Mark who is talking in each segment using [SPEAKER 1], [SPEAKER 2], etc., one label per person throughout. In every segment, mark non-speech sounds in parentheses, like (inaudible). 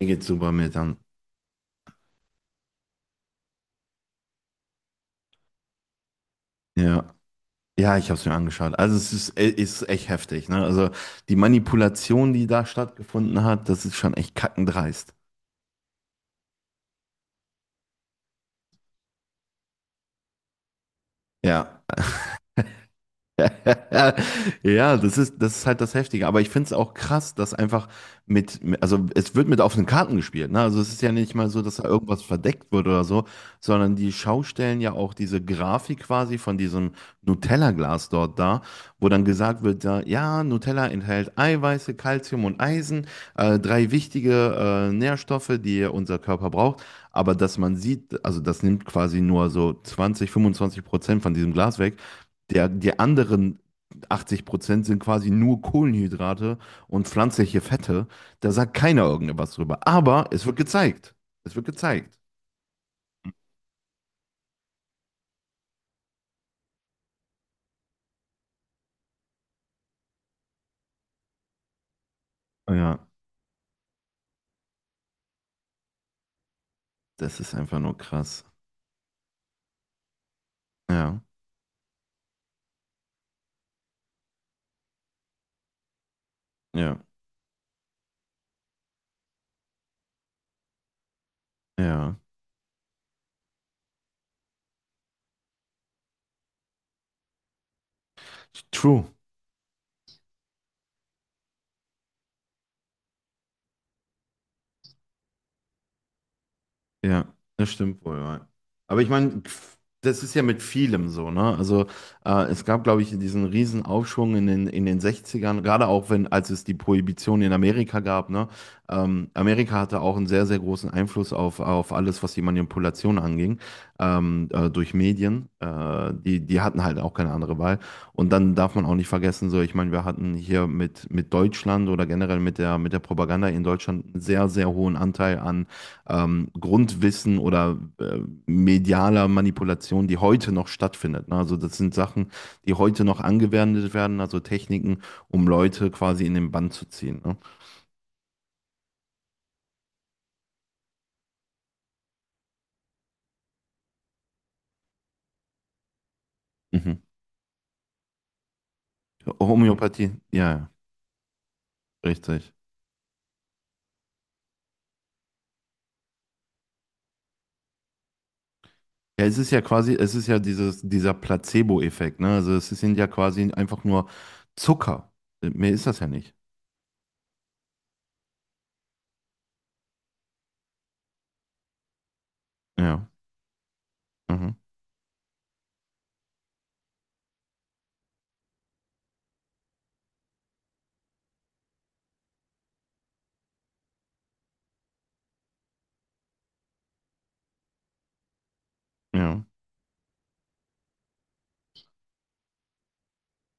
[SPEAKER 1] Mir geht's super mit an. Ja. Ja, ich habe es mir angeschaut. Also es ist, ist echt heftig, ne? Also die Manipulation, die da stattgefunden hat, das ist schon echt kackendreist. Ja. (laughs) Ja, das ist halt das Heftige. Aber ich finde es auch krass, dass einfach also es wird mit offenen Karten gespielt, ne? Also es ist ja nicht mal so, dass da irgendwas verdeckt wird oder so, sondern die schaustellen ja auch diese Grafik quasi von diesem Nutella-Glas dort da, wo dann gesagt wird, ja, ja, Nutella enthält Eiweiße, Kalzium und Eisen, drei wichtige Nährstoffe, die unser Körper braucht. Aber dass man sieht, also das nimmt quasi nur so 20, 25% von diesem Glas weg. Der, die anderen 80% sind quasi nur Kohlenhydrate und pflanzliche Fette. Da sagt keiner irgendwas drüber. Aber es wird gezeigt. Es wird gezeigt. Ja, das ist einfach nur krass. Ja, ja, ja. True. Ja, das stimmt wohl, ja. Aber ich meine, das ist ja mit vielem so, ne? Also es gab, glaube ich, diesen riesen Aufschwung in den 60ern, gerade auch wenn, als es die Prohibition in Amerika gab, ne? Amerika hatte auch einen sehr, sehr großen Einfluss auf alles, was die Manipulation anging, durch Medien. Die hatten halt auch keine andere Wahl. Und dann darf man auch nicht vergessen, so, ich meine, wir hatten hier mit Deutschland oder generell mit der Propaganda in Deutschland einen sehr, sehr hohen Anteil an Grundwissen oder medialer Manipulation, die heute noch stattfindet. Ne? Also das sind Sachen, die heute noch angewendet werden, also Techniken, um Leute quasi in den Bann zu ziehen. Ne? Mhm. Homöopathie, ja, ja, richtig. Ja, es ist ja dieses, dieser Placebo-Effekt, ne? Also es sind ja quasi einfach nur Zucker. Mehr ist das ja nicht. Ja. Mhm. Ja.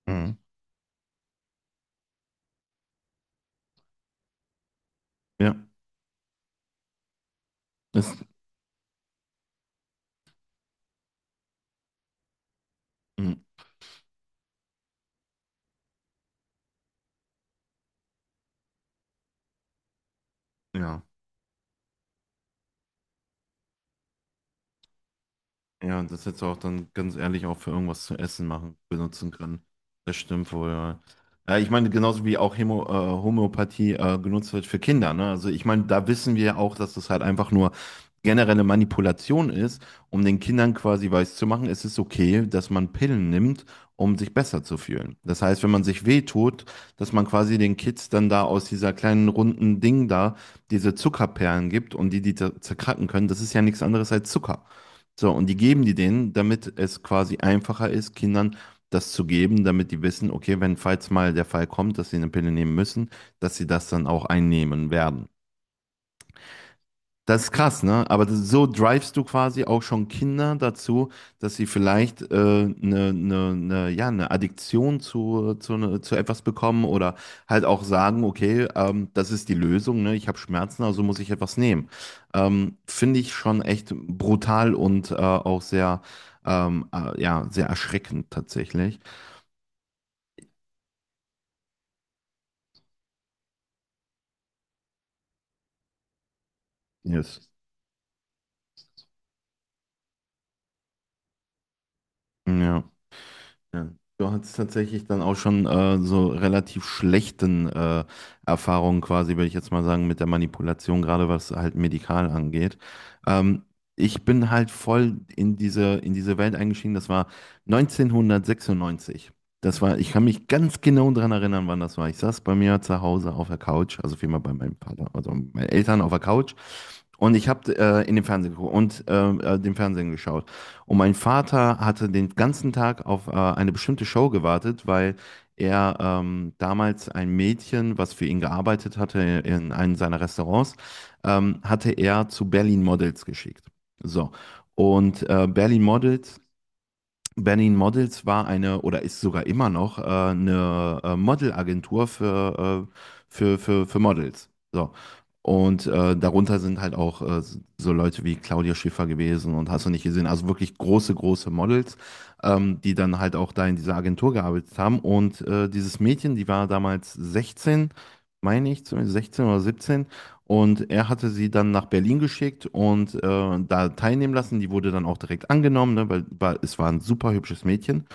[SPEAKER 1] Mhm. Ja. Das, mhm. Ja. Ja, und das hättest du auch dann ganz ehrlich auch für irgendwas zu essen machen, benutzen können. Das stimmt wohl, ja. Ja, ich meine, genauso wie auch Homöopathie genutzt wird für Kinder, ne? Also ich meine, da wissen wir auch, dass das halt einfach nur generelle Manipulation ist, um den Kindern quasi weiszumachen, es ist okay, dass man Pillen nimmt, um sich besser zu fühlen. Das heißt, wenn man sich wehtut, dass man quasi den Kids dann da aus dieser kleinen runden Ding da diese Zuckerperlen gibt und die die zerkracken können, das ist ja nichts anderes als Zucker. So, und die geben die denen, damit es quasi einfacher ist, Kindern das zu geben, damit die wissen, okay, wenn falls mal der Fall kommt, dass sie eine Pille nehmen müssen, dass sie das dann auch einnehmen werden. Das ist krass, ne? Aber das, so drivest du quasi auch schon Kinder dazu, dass sie vielleicht eine, ne, ne, ja, eine Addiktion zu etwas bekommen oder halt auch sagen, okay, das ist die Lösung, ne? Ich habe Schmerzen, also muss ich etwas nehmen. Finde ich schon echt brutal und auch sehr, ja, sehr erschreckend tatsächlich. Yes. Ja. Ja. Du hattest tatsächlich dann auch schon so relativ schlechten Erfahrungen quasi, würde ich jetzt mal sagen, mit der Manipulation, gerade was halt medikal angeht. Ähm, Ich bin halt voll in diese Welt eingestiegen. Das war 1996. Das war, ich kann mich ganz genau daran erinnern, wann das war. Ich saß bei mir zu Hause auf der Couch, also vielmehr bei meinem Vater, also meinen Eltern auf der Couch. Und ich habe in den Fernsehen geguckt und den Fernsehen geschaut. Und mein Vater hatte den ganzen Tag auf eine bestimmte Show gewartet, weil er damals ein Mädchen, was für ihn gearbeitet hatte in einem seiner Restaurants, hatte er zu Berlin Models geschickt. So. Und Berlin Models war eine oder ist sogar immer noch eine Modelagentur für, für Models. So. Und darunter sind halt auch so Leute wie Claudia Schiffer gewesen und hast du nicht gesehen. Also wirklich große, große Models, die dann halt auch da in dieser Agentur gearbeitet haben. Und dieses Mädchen, die war damals 16, meine ich zumindest, 16 oder 17, und er hatte sie dann nach Berlin geschickt und da teilnehmen lassen. Die wurde dann auch direkt angenommen, ne, weil es war ein super hübsches Mädchen.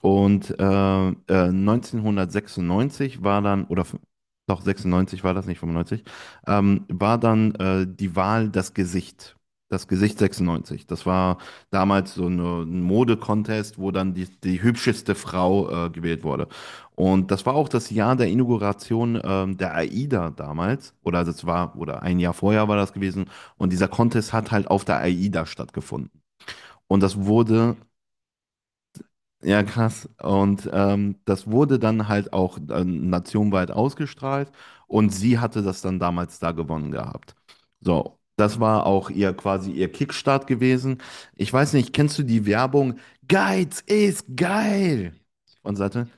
[SPEAKER 1] Und 1996 war dann, oder doch 96 war das, nicht 95, war dann die Wahl das Gesicht. Das Gesicht 96. Das war damals so eine, ein Mode-Contest, wo dann die hübscheste Frau gewählt wurde. Und das war auch das Jahr der Inauguration der AIDA damals. Oder das war, oder ein Jahr vorher war das gewesen. Und dieser Contest hat halt auf der AIDA stattgefunden. Und das wurde ja, krass. Und das wurde dann halt auch nationweit ausgestrahlt und sie hatte das dann damals da gewonnen gehabt. So, das war auch ihr quasi ihr Kickstart gewesen. Ich weiß nicht, kennst du die Werbung? Geiz ist geil! Und sagte,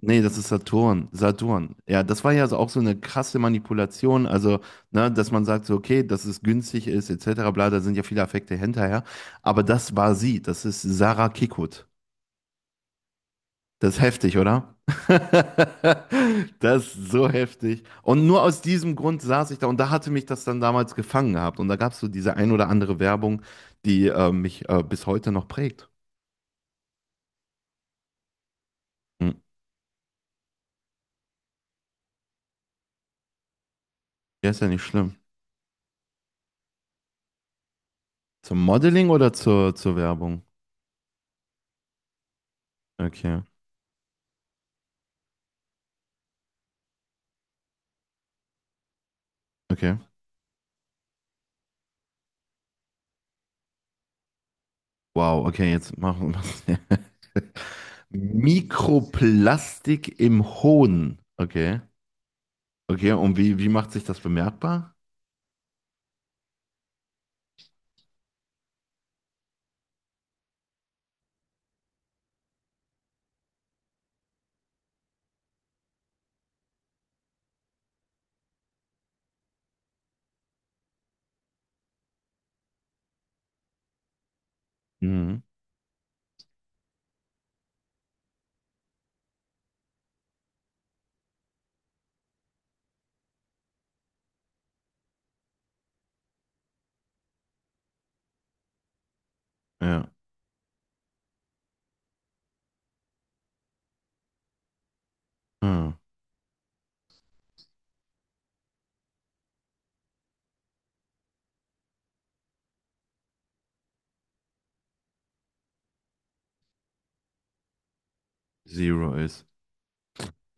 [SPEAKER 1] nee, das ist Saturn, Saturn. Ja, das war ja so auch so eine krasse Manipulation, also, ne, dass man sagt so, okay, dass es günstig ist, etc., bla, da sind ja viele Affekte hinterher. Aber das war sie, das ist Sarah Kickhut. Das ist heftig, oder? (laughs) Das ist so heftig. Und nur aus diesem Grund saß ich da und da hatte mich das dann damals gefangen gehabt. Und da gab es so diese ein oder andere Werbung, die mich bis heute noch prägt. Hm. Ja, ist ja nicht schlimm. Zum Modeling oder zur Werbung? Okay, okay. Wow, okay, jetzt machen wir (laughs) Mikroplastik im Hohn. Okay, okay. Und wie macht sich das bemerkbar? Mhm. Ja. Ah. Zero ist.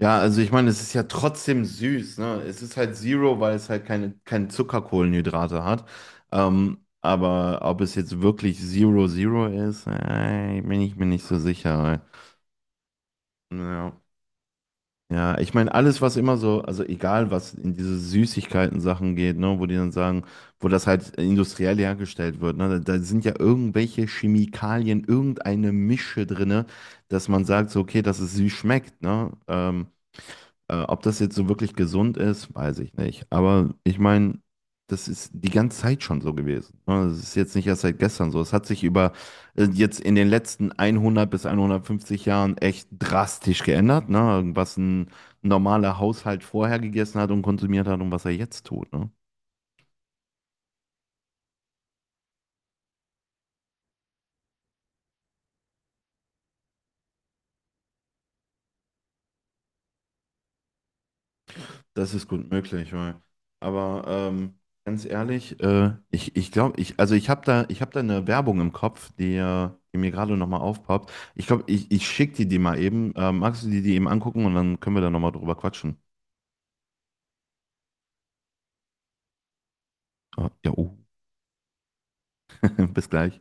[SPEAKER 1] Ja, also ich meine, es ist ja trotzdem süß, ne? Es ist halt Zero, weil es halt keine Zuckerkohlenhydrate hat. Aber ob es jetzt wirklich Zero Zero ist, bin ich mir nicht so sicher. Ja. Ja, ich meine, alles, was immer so, also egal, was in diese Süßigkeiten-Sachen geht, ne, wo die dann sagen, wo das halt industriell hergestellt wird, ne, da sind ja irgendwelche Chemikalien, irgendeine Mische drinne, dass man sagt, so, okay, dass es süß schmeckt, ne? Ob das jetzt so wirklich gesund ist, weiß ich nicht. Aber ich meine, das ist die ganze Zeit schon so gewesen. Ne? Das ist jetzt nicht erst seit gestern so. Es hat sich über jetzt in den letzten 100 bis 150 Jahren echt drastisch geändert, ne? Was ein normaler Haushalt vorher gegessen hat und konsumiert hat und was er jetzt tut, ne? Das ist gut möglich, weil, aber ganz ehrlich, ich glaube, also ich habe da, ich hab da eine Werbung im Kopf, die mir gerade nochmal aufpoppt. Ich glaube, ich schicke dir die mal eben. Magst du dir die eben angucken und dann können wir da nochmal drüber quatschen? Ah, ja, oh. (laughs) Bis gleich.